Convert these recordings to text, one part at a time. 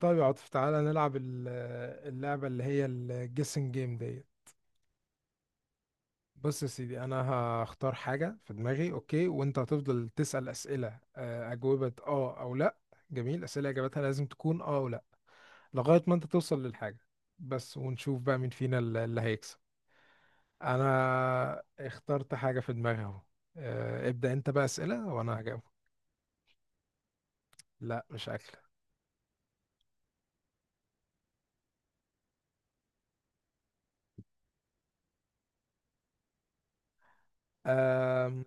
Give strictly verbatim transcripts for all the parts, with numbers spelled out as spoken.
طيب يا عاطف، تعالى نلعب ال- اللعبة اللي هي الجيسنج جيم ديت. بص يا سيدي، انا هختار حاجة في دماغي، اوكي؟ وانت هتفضل تسأل اسئلة آه، اجوبة اه او لا. جميل، اسئلة اجابتها لازم تكون اه او لا لغاية ما انت توصل للحاجة بس، ونشوف بقى مين فينا ال- اللي هيكسب. انا اخترت حاجة في دماغي اهو. آه، ابدأ انت بقى اسئلة وانا هجاوب. لا، مش اكل.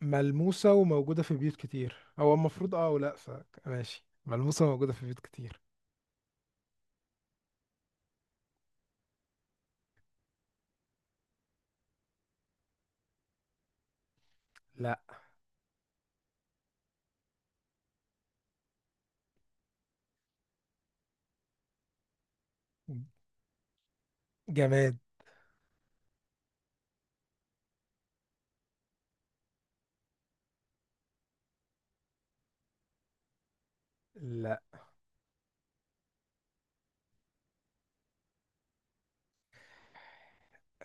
ملموسة وموجودة في بيوت كتير، هو المفروض اه ولا ف ماشي، ملموسة وموجودة في بيوت كتير. لا، جماد. لا.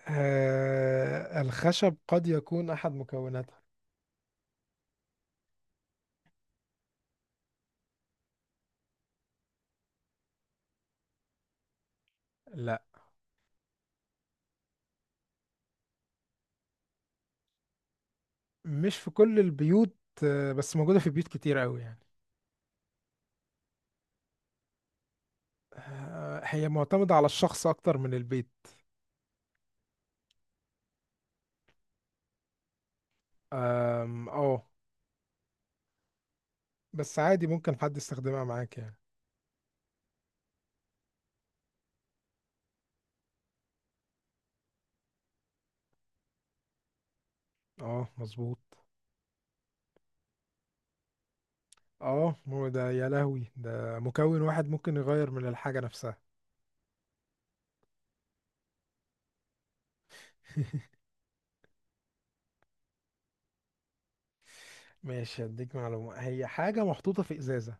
آه، الخشب قد يكون أحد مكوناتها. لا، مش في كل البيوت. آه، بس موجودة في بيوت كتير قوي يعني. آه، هي معتمدة على الشخص أكتر من البيت. آم، اه. بس عادي ممكن حد يستخدمها معاك يعني. اه، مظبوط. اه، ما هو ده يا لهوي، ده مكون واحد ممكن يغير من الحاجة نفسها. ماشي، هديك معلومة، هي حاجة محطوطة في إزازة.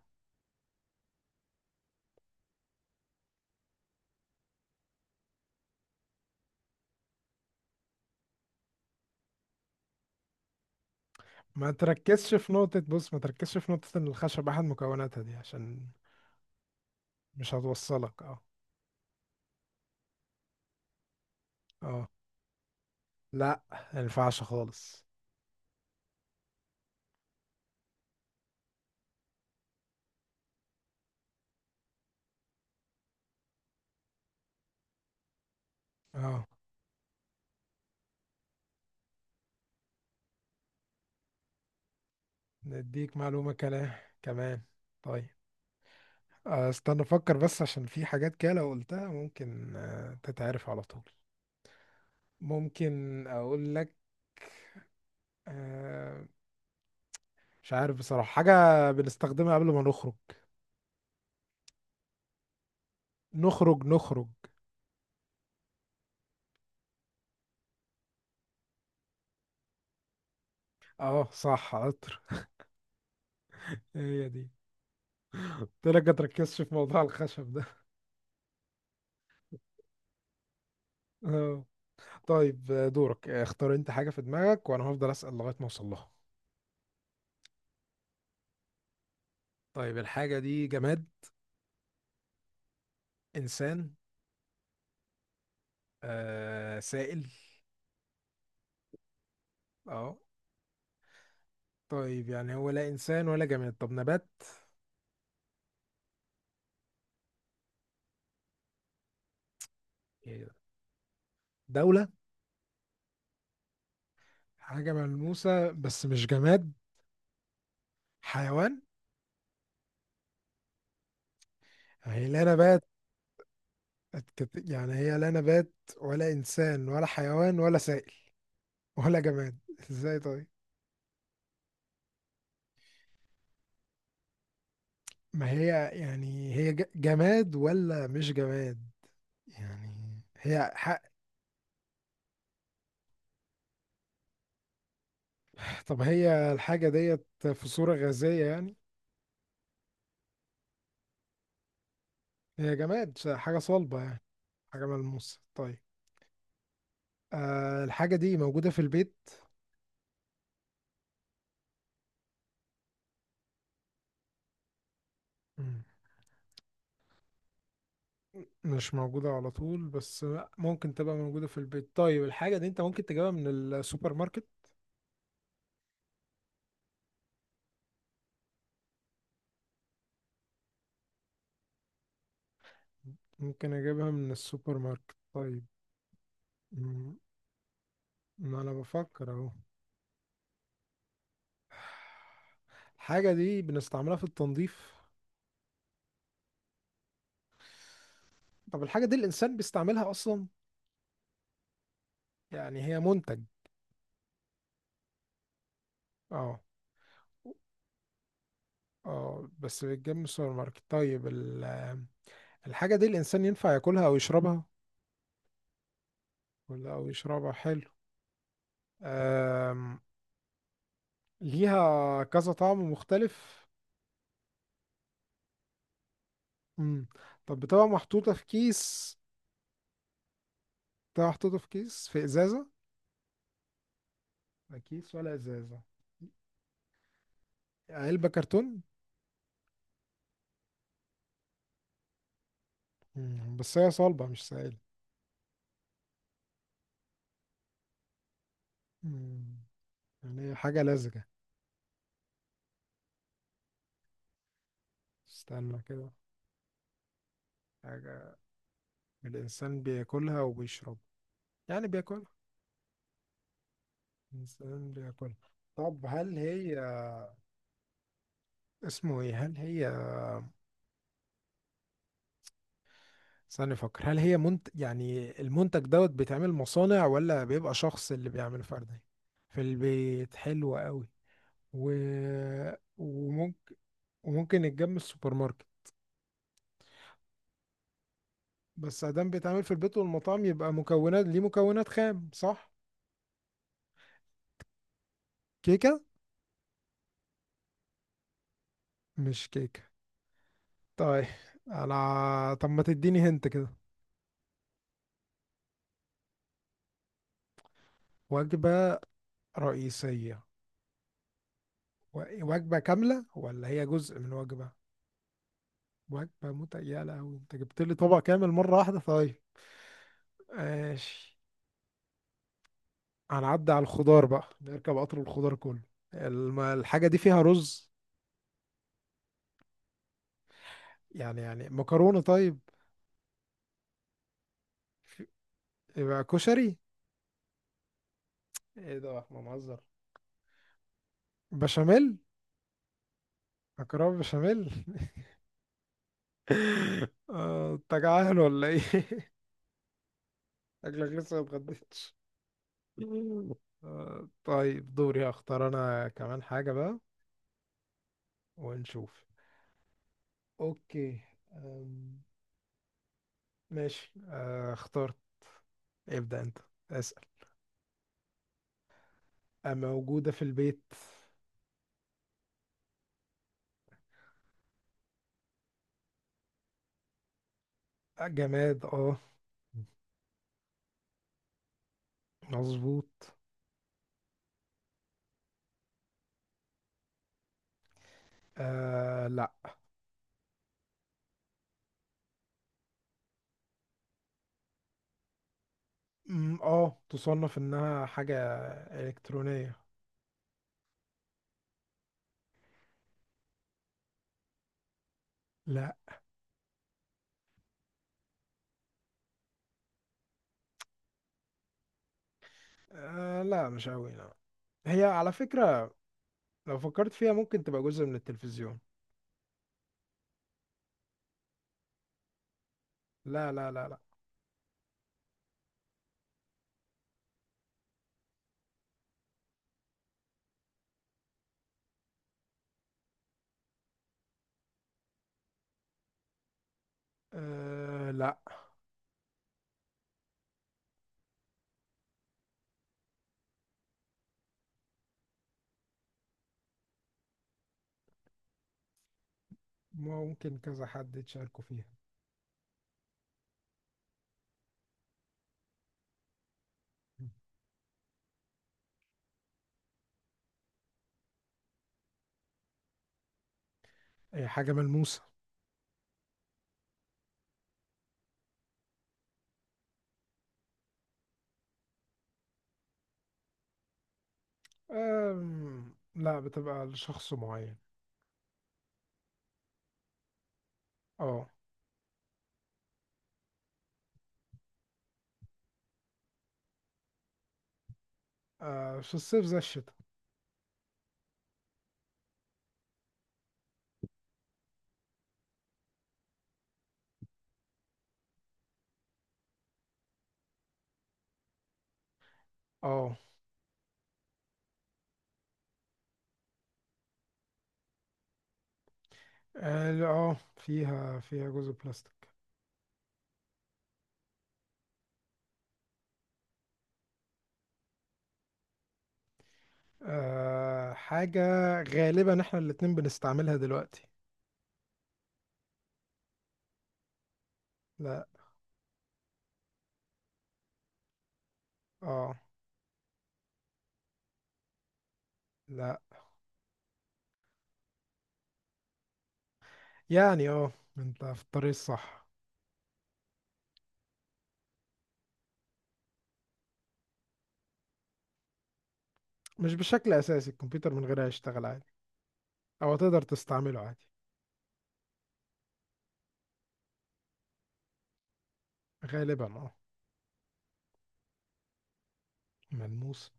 ما تركزش في نقطة، بص ما تركزش في نقطة إن الخشب أحد مكوناتها دي عشان مش هتوصلك. اه. اه. لا، ما ينفعش خالص. اه. نديك معلومة كلام كمان. طيب آه، استنى أفكر بس، عشان في حاجات كده لو قلتها ممكن آه، تتعرف على طول. ممكن أقول لك. آه، مش عارف بصراحة، حاجة بنستخدمها قبل ما نخرج. نخرج نخرج. اه صح، عطر. هي دي، قلت لك ما تركزش في موضوع الخشب ده. آه. طيب، آه، دورك، آه، اختار انت حاجة في دماغك وانا هفضل اسأل لغاية ما اوصل لها. طيب، الحاجة دي جماد؟ انسان؟ آه، سائل؟ اه. طيب يعني هو لا انسان ولا جماد، طب نبات؟ إيه ده؟ دولة؟ حاجة ملموسة بس مش جماد؟ حيوان؟ هي لا نبات، أتكت- يعني هي لا نبات ولا انسان ولا حيوان ولا سائل ولا جماد، ازاي طيب؟ ما هي يعني هي ج- جماد ولا مش جماد؟ يعني هي حق. طب هي الحاجة ديت في صورة غازية يعني؟ هي جماد، ش- حاجة صلبة يعني؟ حاجة ملموسة طيب. آه، الحاجة دي موجودة في البيت؟ مم. مش موجودة على طول بس، لأ ممكن تبقى موجودة في البيت. طيب، الحاجة دي انت ممكن تجيبها من السوبر ماركت؟ ممكن اجيبها من السوبر ماركت طيب. مم، ما انا بفكر اهو. الحاجة دي بنستعملها في التنظيف؟ طب الحاجة دي الإنسان بيستعملها أصلا؟ يعني هي منتج؟ اه. اه، بس بيتجاب من السوبر ماركت. طيب، ال- الحاجة دي الإنسان ينفع ياكلها أو يشربها؟ ولا أو يشربها حلو. آم، ليها كذا طعم مختلف؟ مم. طب بتبقى محطوطة في كيس؟ بتبقى محطوطة في كيس في إزازة؟ لا كيس ولا إزازة؟ علبة كرتون؟ مم. بس هي صلبة مش سائلة؟ مم. يعني هي حاجة لزجة؟ استنى كده، حاجة الإنسان بياكلها وبيشرب، يعني بياكلها. الإنسان بياكلها. طب هل هي اسمه ايه، هل هي ثاني، فكر، هل هي منت، يعني المنتج دوت بيتعمل مصانع ولا بيبقى شخص اللي بيعمل فردي؟ في البيت، حلو قوي. و، وممكن، وممكن يتجاب من السوبر ماركت. بس ادام بيتعمل في البيت والمطاعم يبقى مكونات ليه مكونات خام صح. كيكة؟ مش كيكة؟ طيب. على. طب ما تديني هنت كده. وجبة رئيسية. و- وجبة كاملة ولا هي جزء من وجبة؟ وجبة مت، يا لهوي انت جبت لي طبق كامل مرة واحدة. طيب، ماشي، هنعدي على الخضار بقى، نركب قطر الخضار كله. الم- الحاجة دي فيها رز؟ يعني يعني مكرونة طيب. في- يبقى كشري. ايه ده، احنا بنهزر؟ بشاميل. مكرونة بشاميل. آه، انت جعان ولا ايه؟ شكلك لسه ما اتغديتش. آه، طيب، دوري، هختار انا كمان حاجة بقى، ونشوف. اوكي. أم، ماشي، آه، اخترت. ابدأ انت. اسأل. آه، موجودة في البيت. آه، جماد اه، مظبوط. آه لا. أم، اه، تصنف انها حاجة الكترونية. لا. آه لا، مش قوي لا. هي على فكرة لو فكرت فيها ممكن تبقى جزء من التلفزيون. لا لا لا لا. آه لا. ممكن كذا حد يتشاركوا فيها. هي حاجة ملموسة. آه لا، بتبقى لشخص معين. اه. آه، في الصيف زي الشتاء. اه اه لا، آه، فيها فيها جزء بلاستيك. آه، حاجة غالبا احنا الاتنين بنستعملها دلوقتي. لا. اه، لا. يعني اه، انت في الطريق الصح. مش بشكل اساسي، الكمبيوتر من غيرها يشتغل عادي او تقدر تستعمله عادي. غالبا اه. ملموس.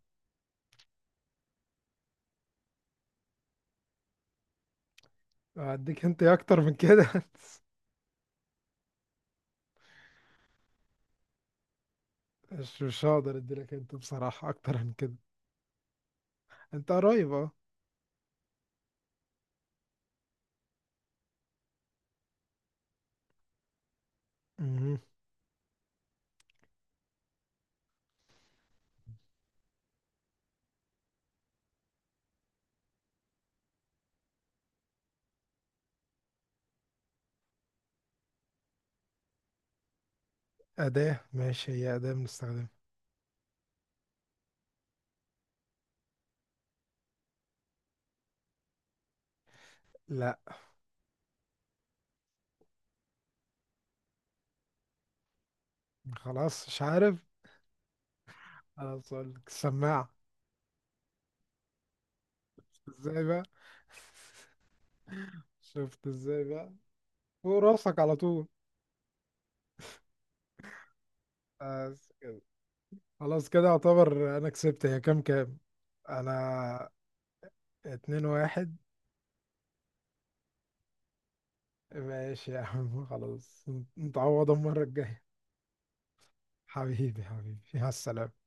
اديك، انت اكتر من كده. مش مش هقدر اديلك انت بصراحة اكتر من كده. انت قريب اه. مهم. اداة، ماشي هي اداة بنستخدمها. لا. خلاص مش عارف. خلاص أقول لك، السماعة. ازاي بقى؟ شفت ازاي بقى؟ فوق راسك على طول. بس كده، خلاص كده اعتبر انا كسبت. هي كام كام انا؟ اتنين واحد. ماشي يا عم، خلاص، نتعوض المرة الجاية. حبيبي حبيبي، مع السلامة.